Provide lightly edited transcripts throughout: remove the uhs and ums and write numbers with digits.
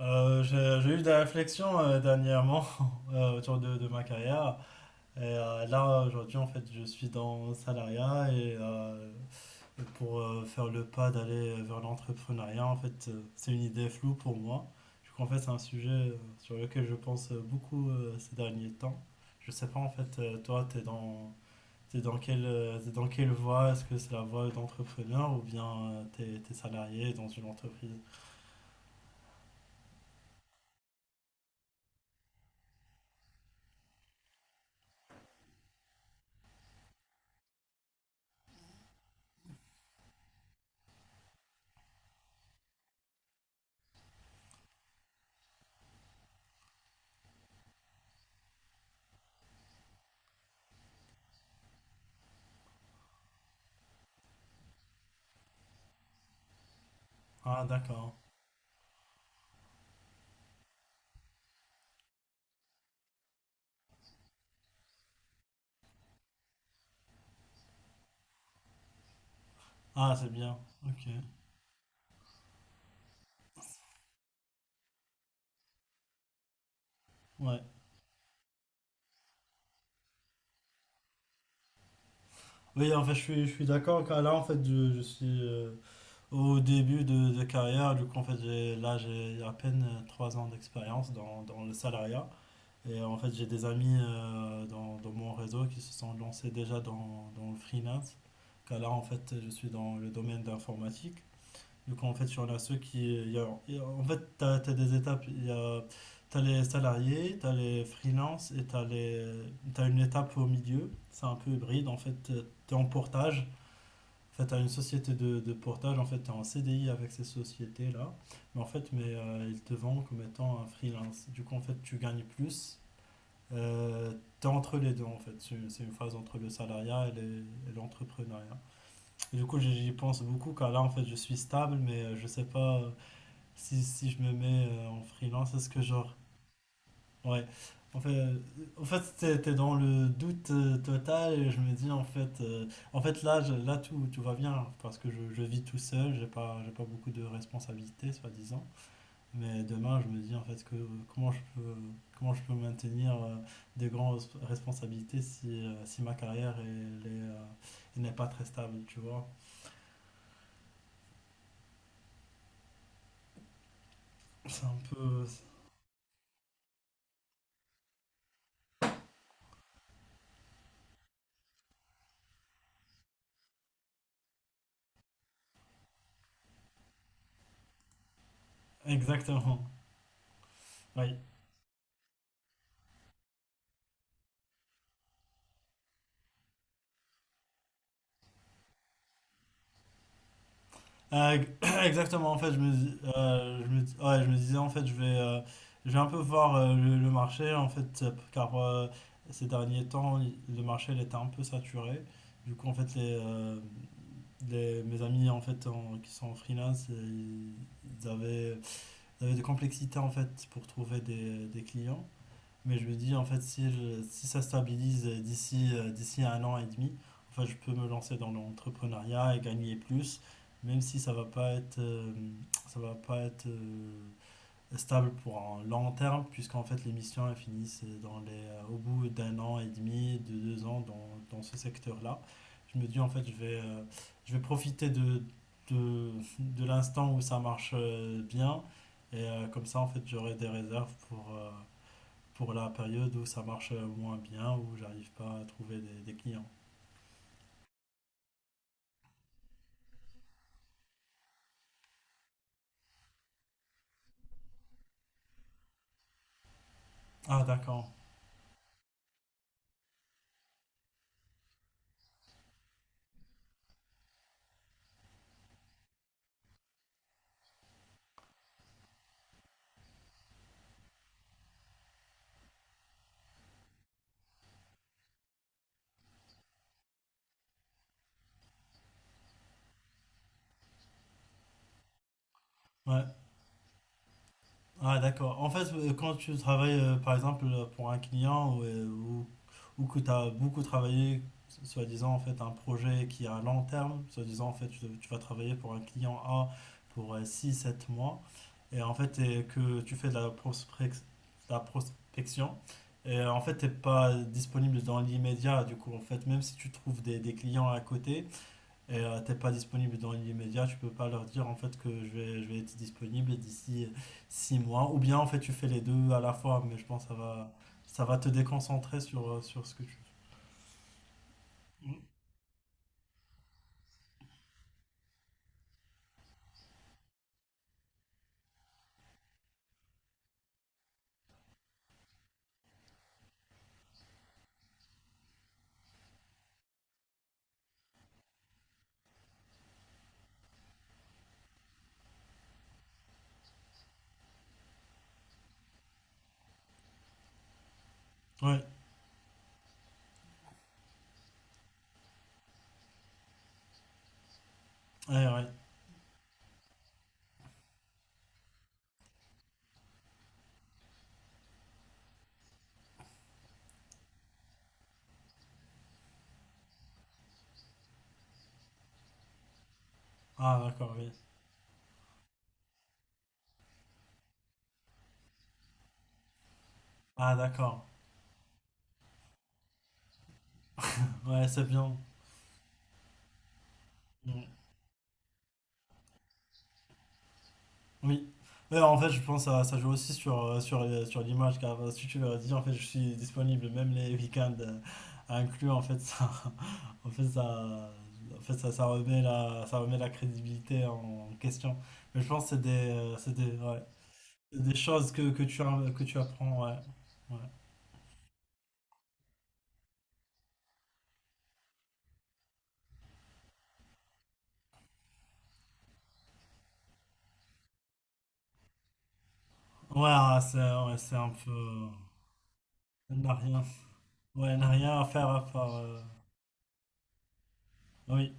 J'ai eu des réflexions dernièrement autour de ma carrière. Et là, aujourd'hui, en fait, je suis dans le salariat et pour faire le pas d'aller vers l'entrepreneuriat, en fait, c'est une idée floue pour moi. Du coup, en fait, c'est un sujet sur lequel je pense beaucoup ces derniers temps. Je sais pas, en fait, toi, t'es dans quelle voie? Est-ce que c'est la voie d'entrepreneur ou bien t'es salarié dans une entreprise? Ah, d'accord. Ah, c'est bien. Ok. Ouais. Oui, en fait, je suis d'accord. Car là, en fait, je suis au début de carrière. Du coup, en fait, là, j'ai à peine 3 ans d'expérience dans le salariat. Et en fait, j'ai des amis dans mon réseau qui se sont lancés déjà dans le freelance. Car là, en fait, je suis dans le domaine d'informatique. Du coup en fait, sur y en a ceux qui. En fait, des étapes. T'as les salariés, tu as les freelances et t'as une étape au milieu. C'est un peu hybride. En fait, tu es en portage. En fait, tu as une société de portage. En fait, tu es en CDI avec ces sociétés-là. Mais en fait, ils te vendent comme étant un freelance. Du coup, en fait, tu gagnes plus. Euh, Tu es entre les deux, en fait. C'est une phase entre le salariat et l'entrepreneuriat. Et du coup, j'y pense beaucoup car là, en fait, je suis stable, mais je sais pas. Si je me mets en freelance, est-ce que genre... Ouais. En fait, t'es dans le doute total et je me dis en fait, là, là tout va bien parce que je vis tout seul, j'ai pas beaucoup de responsabilités soi-disant. Mais demain, je me dis en fait que comment je peux, comment je peux maintenir des grandes responsabilités si ma carrière est, euh, elle n'est pas très stable, tu vois. C'est un peu... Exactement. Oui. Euh, exactement, en fait, ouais, je me disais, en fait, je vais un peu voir le marché, en fait, car ces derniers temps, le marché, il était un peu saturé. Du coup, en fait, mes amis, en fait, qui sont en freelance, ils avaient, ils avaient des complexités, en fait, pour trouver des clients. Mais je me dis, en fait, si ça stabilise d'ici à 1 an et demi, en fait, je peux me lancer dans l'entrepreneuriat et gagner plus, même si ça va pas être, ça va pas être stable pour un long terme, puisqu'en fait, les missions elles finissent au bout d'1 an et demi, de deux ans dans ce secteur-là. Je me dis, en fait, je vais profiter de, de l'instant où ça marche bien. Et comme ça, en fait, j'aurai des réserves pour la période où ça marche moins bien, où j'arrive pas à trouver des clients. Ah, d'accord. Ouais. Ah, d'accord. En fait, quand tu travailles, par exemple, pour un client ou que tu as beaucoup travaillé, soi-disant, en fait, un projet qui est à long terme, soi-disant, en fait, tu vas travailler pour un client A pour six sept mois, et en fait, et que tu fais de la prospection, et en fait, tu n'es pas disponible dans l'immédiat, du coup, en fait, même si tu trouves des clients à côté, et t'es pas disponible dans l'immédiat, tu peux pas leur dire en fait que je vais être disponible d'ici 6 mois. Ou bien en fait tu fais les deux à la fois, mais je pense que ça va te déconcentrer sur ce que tu fais. Ouais, ouais, ouais. Ah d'accord, oui. Ah d'accord. Ouais, c'est bien. Mm. Oui. Mais en fait, je pense que ça joue aussi sur l'image, car si tu leur dis, en fait, je suis disponible même les week-ends à inclure, en fait, ça, ça remet ça remet la crédibilité en question. Mais je pense que c'est des, ouais, c'est des choses que tu apprends, ouais. Ouais, ouais, ah, c'est un peu... Elle n'a rien, ouais, elle n'a rien à faire à part... oui,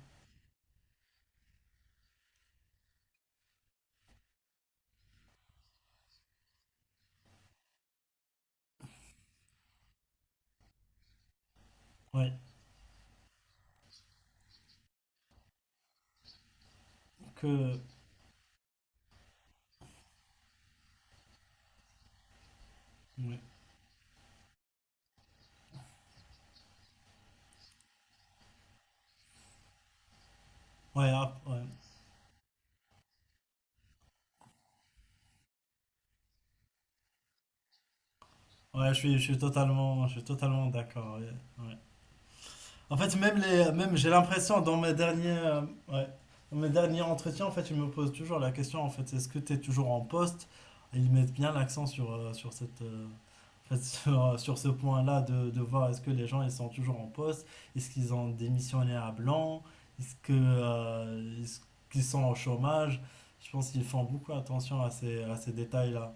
oui, que... Ouais, ouais, ah, ouais. Ouais, je suis totalement d'accord. Ouais, ouais. En fait, même j'ai l'impression ouais, dans mes derniers entretiens, en fait, ils me posent toujours la question, en fait, est-ce que tu es toujours en poste? Et ils mettent bien l'accent en fait, sur ce point-là de voir est-ce que les gens ils sont toujours en poste, est-ce qu'ils ont démissionné à blanc, est-ce qu'ils sont au chômage? Je pense qu'ils font beaucoup attention à ces détails-là.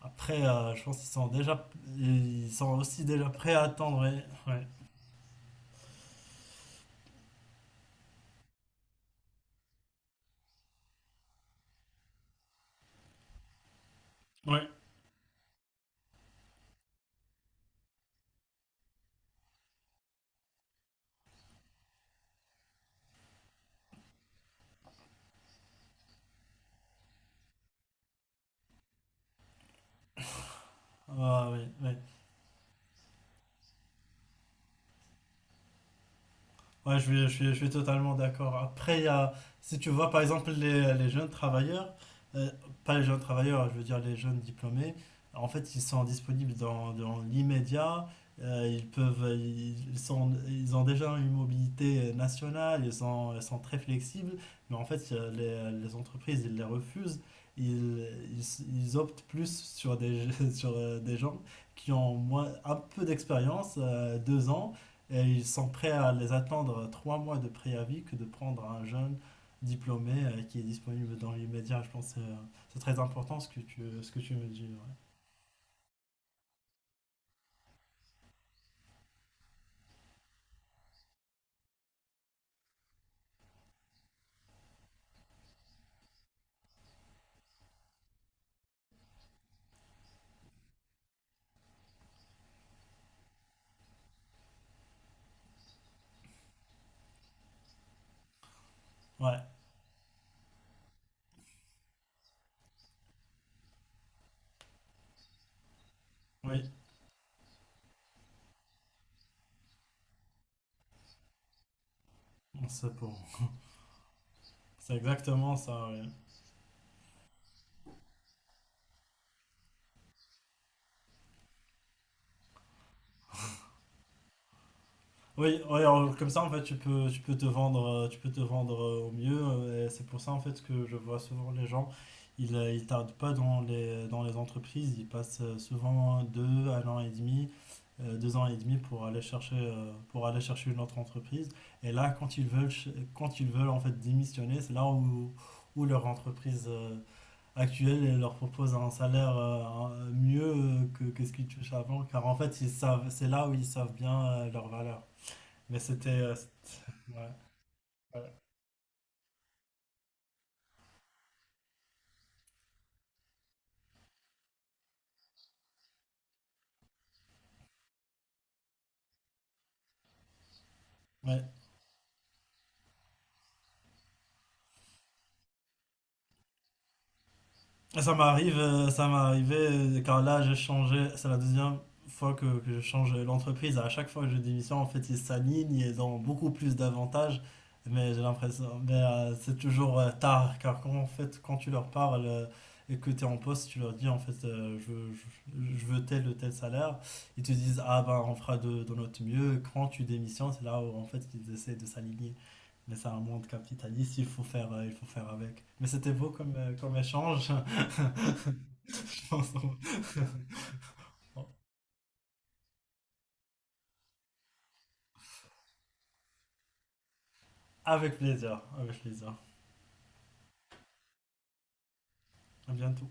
Après, je pense ils sont aussi déjà prêts à attendre. Ouais, ouais, ouais. Ah, oui, oui. Ouais, je suis totalement d'accord. Après, si tu vois par exemple les jeunes travailleurs, euh, pas les jeunes travailleurs, je veux dire les jeunes diplômés, en fait, ils sont disponibles dans l'immédiat. Ils peuvent, ils sont, ils ont déjà une mobilité nationale, ils sont très flexibles, mais en fait, les entreprises, ils les refusent. Ils, Ils optent plus sur des gens qui ont un peu d'expérience, 2 ans et ils sont prêts à les attendre 3 mois de préavis que de prendre un jeune diplômé qui est disponible dans l'immédiat. Je pense c'est très important ce que tu me dis. Ouais. Ouais, oui, c'est bon. C'est exactement ça. Ouais. Oui, ouais, alors, comme ça en fait tu peux te vendre au mieux, et c'est pour ça en fait que je vois souvent les gens, ils tardent pas dans les entreprises, ils passent souvent deux 1 an et demi, 2 ans et demi pour aller chercher une autre entreprise, et là quand ils veulent en fait démissionner, c'est là où leur entreprise actuelle elle leur propose un salaire, mieux que ce qu'ils touchaient avant, car en fait ils savent c'est là où ils savent bien leur valeur, mais c'était. Ouais, ouais, ouais. Et ça m'est arrivé quand là j'ai changé. C'est la deuxième fois que je change l'entreprise. À chaque fois que je démissionne, en fait, ils s'alignent et ils ont beaucoup plus d'avantages. Mais j'ai l'impression. Mais c'est toujours tard. Car quand tu leur parles et que tu es en poste, tu leur dis en fait, je veux tel ou tel salaire. Ils te disent, ah ben, on fera de notre mieux. Quand tu démissionnes, c'est là où en fait ils essaient de s'aligner. Mais c'est un monde capitaliste, il faut faire avec. Mais c'était beau comme échange. Je pense. Avec plaisir, avec plaisir. À bientôt.